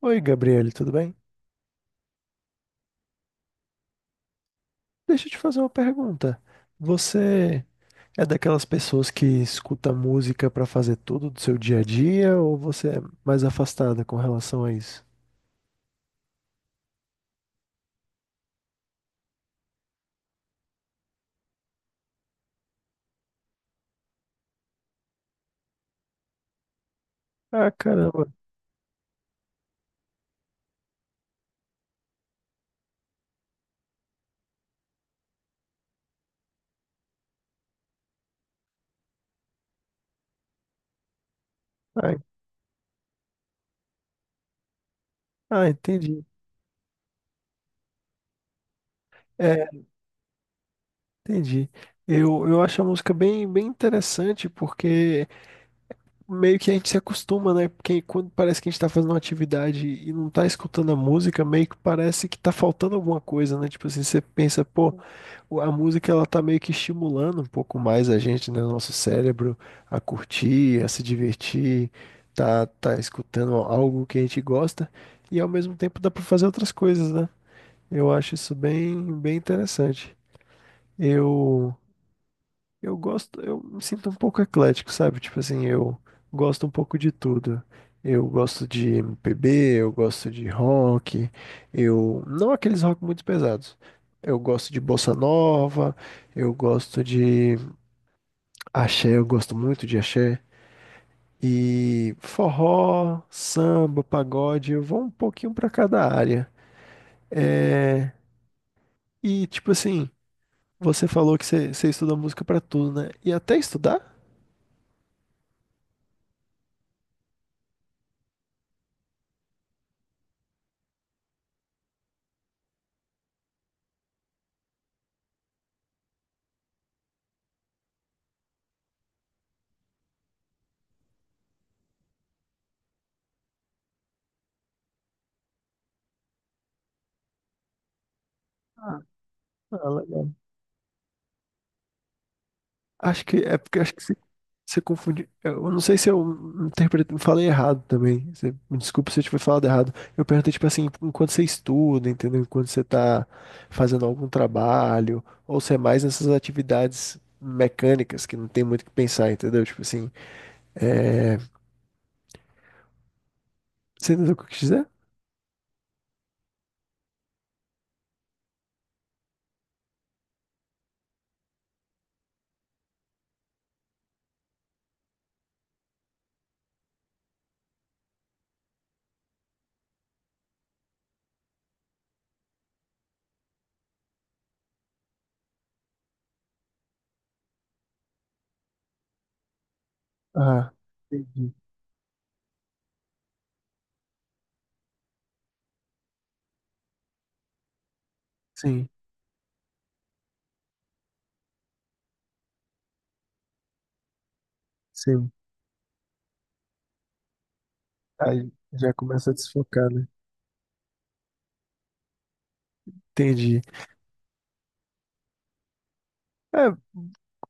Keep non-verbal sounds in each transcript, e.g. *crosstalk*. Oi, Gabriele, tudo bem? Deixa eu te fazer uma pergunta. Você é daquelas pessoas que escuta música pra fazer tudo do seu dia a dia ou você é mais afastada com relação a isso? Ah, caramba. Ah, en- entendi. É, entendi. Eu acho a música bem, bem interessante porque meio que a gente se acostuma, né? Porque quando parece que a gente tá fazendo uma atividade e não tá escutando a música, meio que parece que tá faltando alguma coisa, né? Tipo assim, você pensa, pô, a música ela tá meio que estimulando um pouco mais a gente, né? O nosso cérebro a curtir, a se divertir, tá escutando algo que a gente gosta e ao mesmo tempo dá pra fazer outras coisas, né? Eu acho isso bem, bem interessante. Eu eu gosto, eu me sinto um pouco eclético, sabe? Tipo assim, eu gosto um pouco de tudo. Eu gosto de MPB, eu gosto de rock, eu não aqueles rock muito pesados. Eu gosto de bossa nova, eu gosto de axé, eu gosto muito de axé e forró, samba, pagode, eu vou um pouquinho pra cada área. É, e tipo assim, você falou que você estuda música pra tudo, né? E até estudar? Ah, legal. Acho que é porque acho que você, você confundiu. Eu não sei se eu interpretei, falei errado também. Me desculpa se eu tiver falado errado. Eu perguntei, tipo assim, enquanto você estuda, entendeu? Enquanto você tá fazendo algum trabalho, ou se é mais nessas atividades mecânicas que não tem muito o que pensar, entendeu? Tipo assim, é... você entendeu o que eu quis dizer? Ah, entendi. Sim, sim. Aí já começa a desfocar, né? Entendi. É,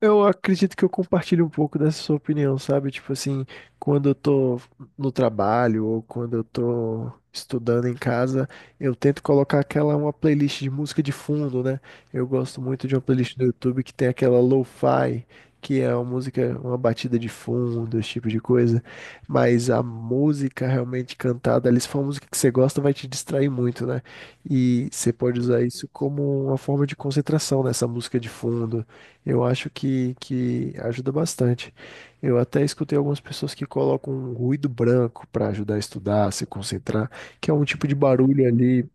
eu acredito que eu compartilho um pouco dessa sua opinião, sabe? Tipo assim, quando eu tô no trabalho ou quando eu tô estudando em casa, eu tento colocar aquela uma playlist de música de fundo, né? Eu gosto muito de uma playlist do YouTube que tem aquela lo-fi, que é uma música, uma batida de fundo, esse tipo de coisa. Mas a música realmente cantada ali, se for uma música que você gosta, vai te distrair muito, né? E você pode usar isso como uma forma de concentração nessa música de fundo eu acho que ajuda bastante. Eu até escutei algumas pessoas que colocam um ruído branco para ajudar a estudar, a se concentrar, que é um tipo de barulho ali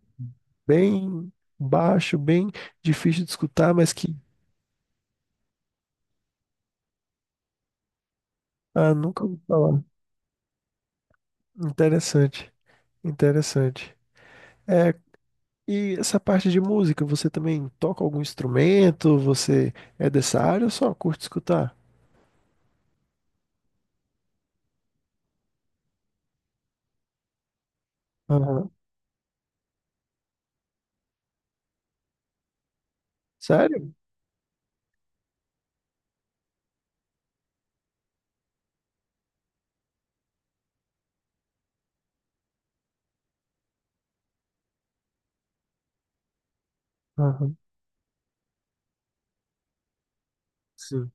bem baixo, bem difícil de escutar, mas que ah, nunca ouvi falar. Interessante, interessante. É, e essa parte de música, você também toca algum instrumento? Você é dessa área ou só curte escutar? Aham. Sério? Aham. Sim.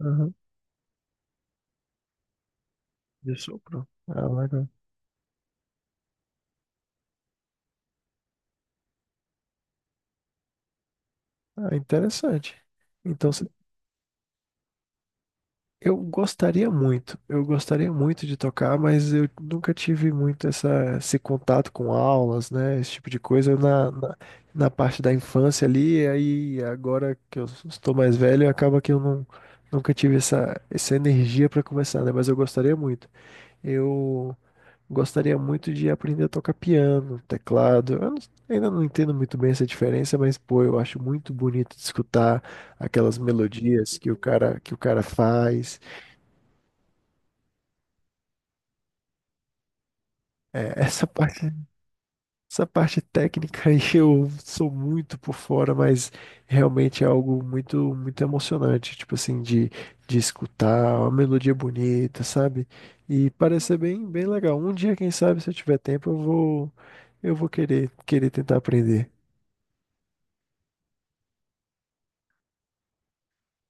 Aham. De sopro? Ah, legal. Ah, interessante. Então, se- eu gostaria muito, eu gostaria muito de tocar, mas eu nunca tive muito essa, esse contato com aulas, né? Esse tipo de coisa na parte da infância ali, aí agora que eu estou mais velho, acaba que eu não, nunca tive essa, essa energia para começar, né? Mas eu gostaria muito. Eu Gostaria muito de aprender a tocar piano, teclado. Eu não- Ainda não entendo muito bem essa diferença, mas pô, eu acho muito bonito de escutar aquelas melodias que o cara faz. É, *laughs* essa parte técnica aí *laughs* eu sou muito por fora, mas realmente é algo muito muito emocionante, tipo assim, de escutar uma melodia bonita, sabe? E parece ser bem bem legal. Um dia, quem sabe, se eu tiver tempo, eu vou querer tentar aprender.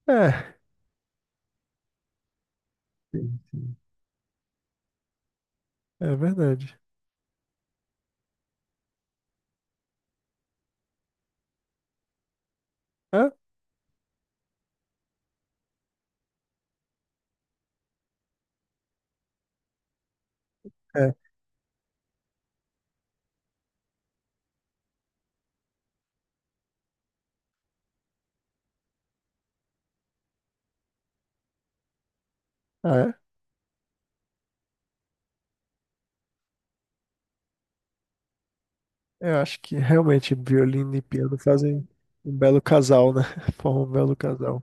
É, sim, sim. É verdade. É, é, Ah, é. Eu acho que realmente violino e piano fazem um belo casal, né? *laughs* Formam um belo casal.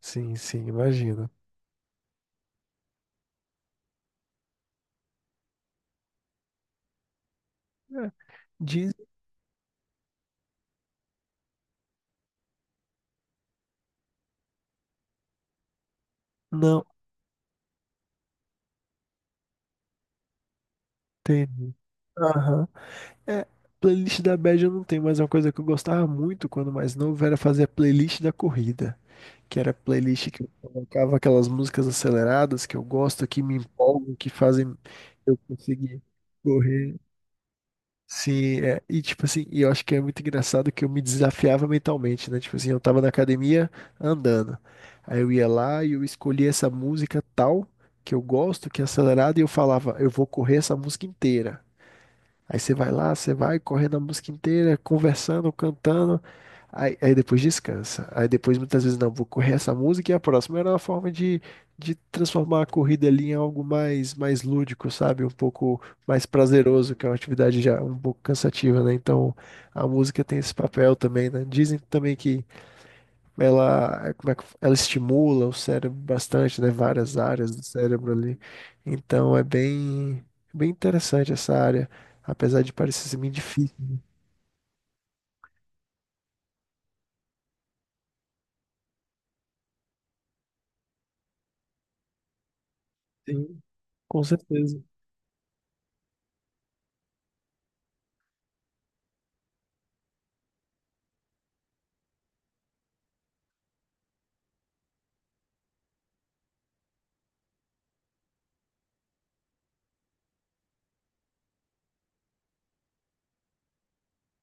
Sim, sim, imagino. É, diz, não, tem. Aham. É, playlist da bad eu não tenho, mas é uma coisa que eu gostava muito quando mais novo era fazer a playlist da corrida, que era a playlist que eu colocava aquelas músicas aceleradas que eu gosto, que me empolgam, que fazem eu conseguir correr. Sim, é, e tipo assim, e eu acho que é muito engraçado que eu me desafiava mentalmente, né? Tipo assim, eu tava na academia andando. Aí eu ia lá e eu escolhia essa música tal que eu gosto, que é acelerada, e eu falava, eu vou correr essa música inteira. Aí você vai lá, você vai correndo a música inteira, conversando, cantando. Aí depois descansa. Aí depois muitas vezes não, vou correr essa música e a próxima. Era uma forma de transformar a corrida ali em algo mais, mais lúdico, sabe? Um pouco mais prazeroso, que é uma atividade já um pouco cansativa, né? Então a música tem esse papel também, né? Dizem também que ela, como é que, ela estimula o cérebro bastante, né? Várias áreas do cérebro ali. Então é bem, bem interessante essa área, apesar de parecer ser meio difícil, né? Sim, com certeza.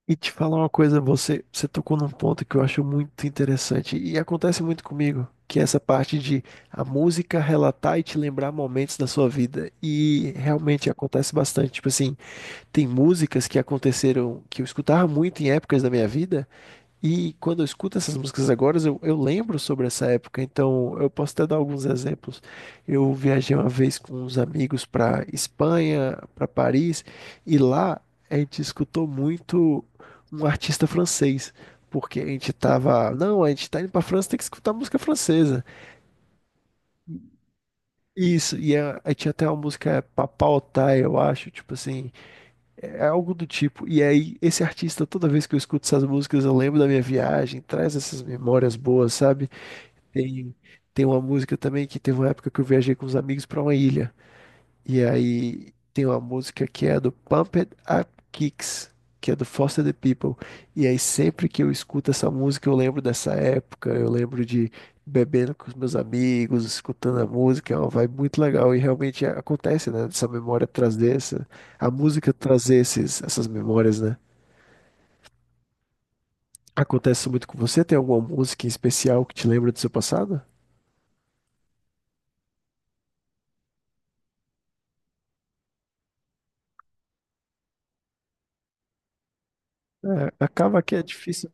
E te falar uma coisa, você tocou num ponto que eu acho muito interessante e acontece muito comigo, que é essa parte de a música relatar e te lembrar momentos da sua vida. E realmente acontece bastante. Tipo assim, tem músicas que aconteceram, que eu escutava muito em épocas da minha vida. E quando eu escuto essas músicas agora, eu lembro sobre essa época, então eu posso até dar alguns exemplos. Eu viajei uma vez com uns amigos para Espanha, para Paris, e lá a gente escutou muito um artista francês, porque a gente tava, não, a gente tá indo para França, tem que escutar música francesa. Isso, aí tinha até uma música Papautai, eu acho, tipo assim, é algo do tipo. E aí, esse artista, toda vez que eu escuto essas músicas, eu lembro da minha viagem, traz essas memórias boas, sabe? Tem, Tem uma música também que teve uma época que eu viajei com os amigos para uma ilha. E aí tem uma música que é do Pumped Up Kicks, que é do Foster the People. E aí sempre que eu escuto essa música, eu lembro dessa época, eu lembro de bebendo com os meus amigos, escutando a música, é uma vibe muito legal. E realmente acontece, né? Essa memória traz dessa, a música traz essas memórias, né? Acontece muito com você? Tem alguma música em especial que te lembra do seu passado? É, acaba que é difícil.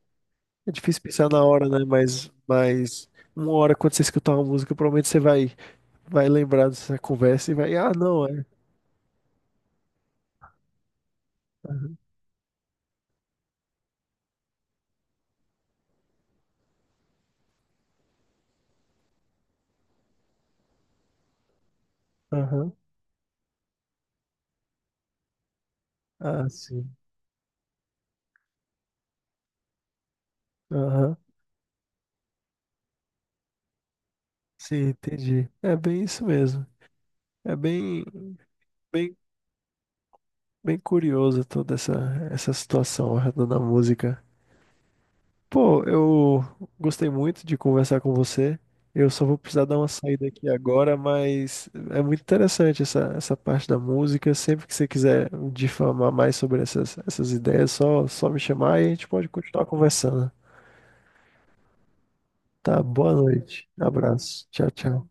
É difícil pensar na hora, né? Mas uma hora quando você escutar uma música, provavelmente você vai, vai lembrar dessa conversa e vai, ah, não, é. Aham, aham, ah, sim. Aham, sim, entendi. É bem isso mesmo. É bem, bem, bem curioso toda essa situação da música. Pô, eu gostei muito de conversar com você. Eu só vou precisar dar uma saída aqui agora, mas é muito interessante essa parte da música. Sempre que você quiser difamar mais sobre essas ideias, só me chamar e a gente pode continuar conversando. Tá? Boa noite. Abraço. Tchau, tchau.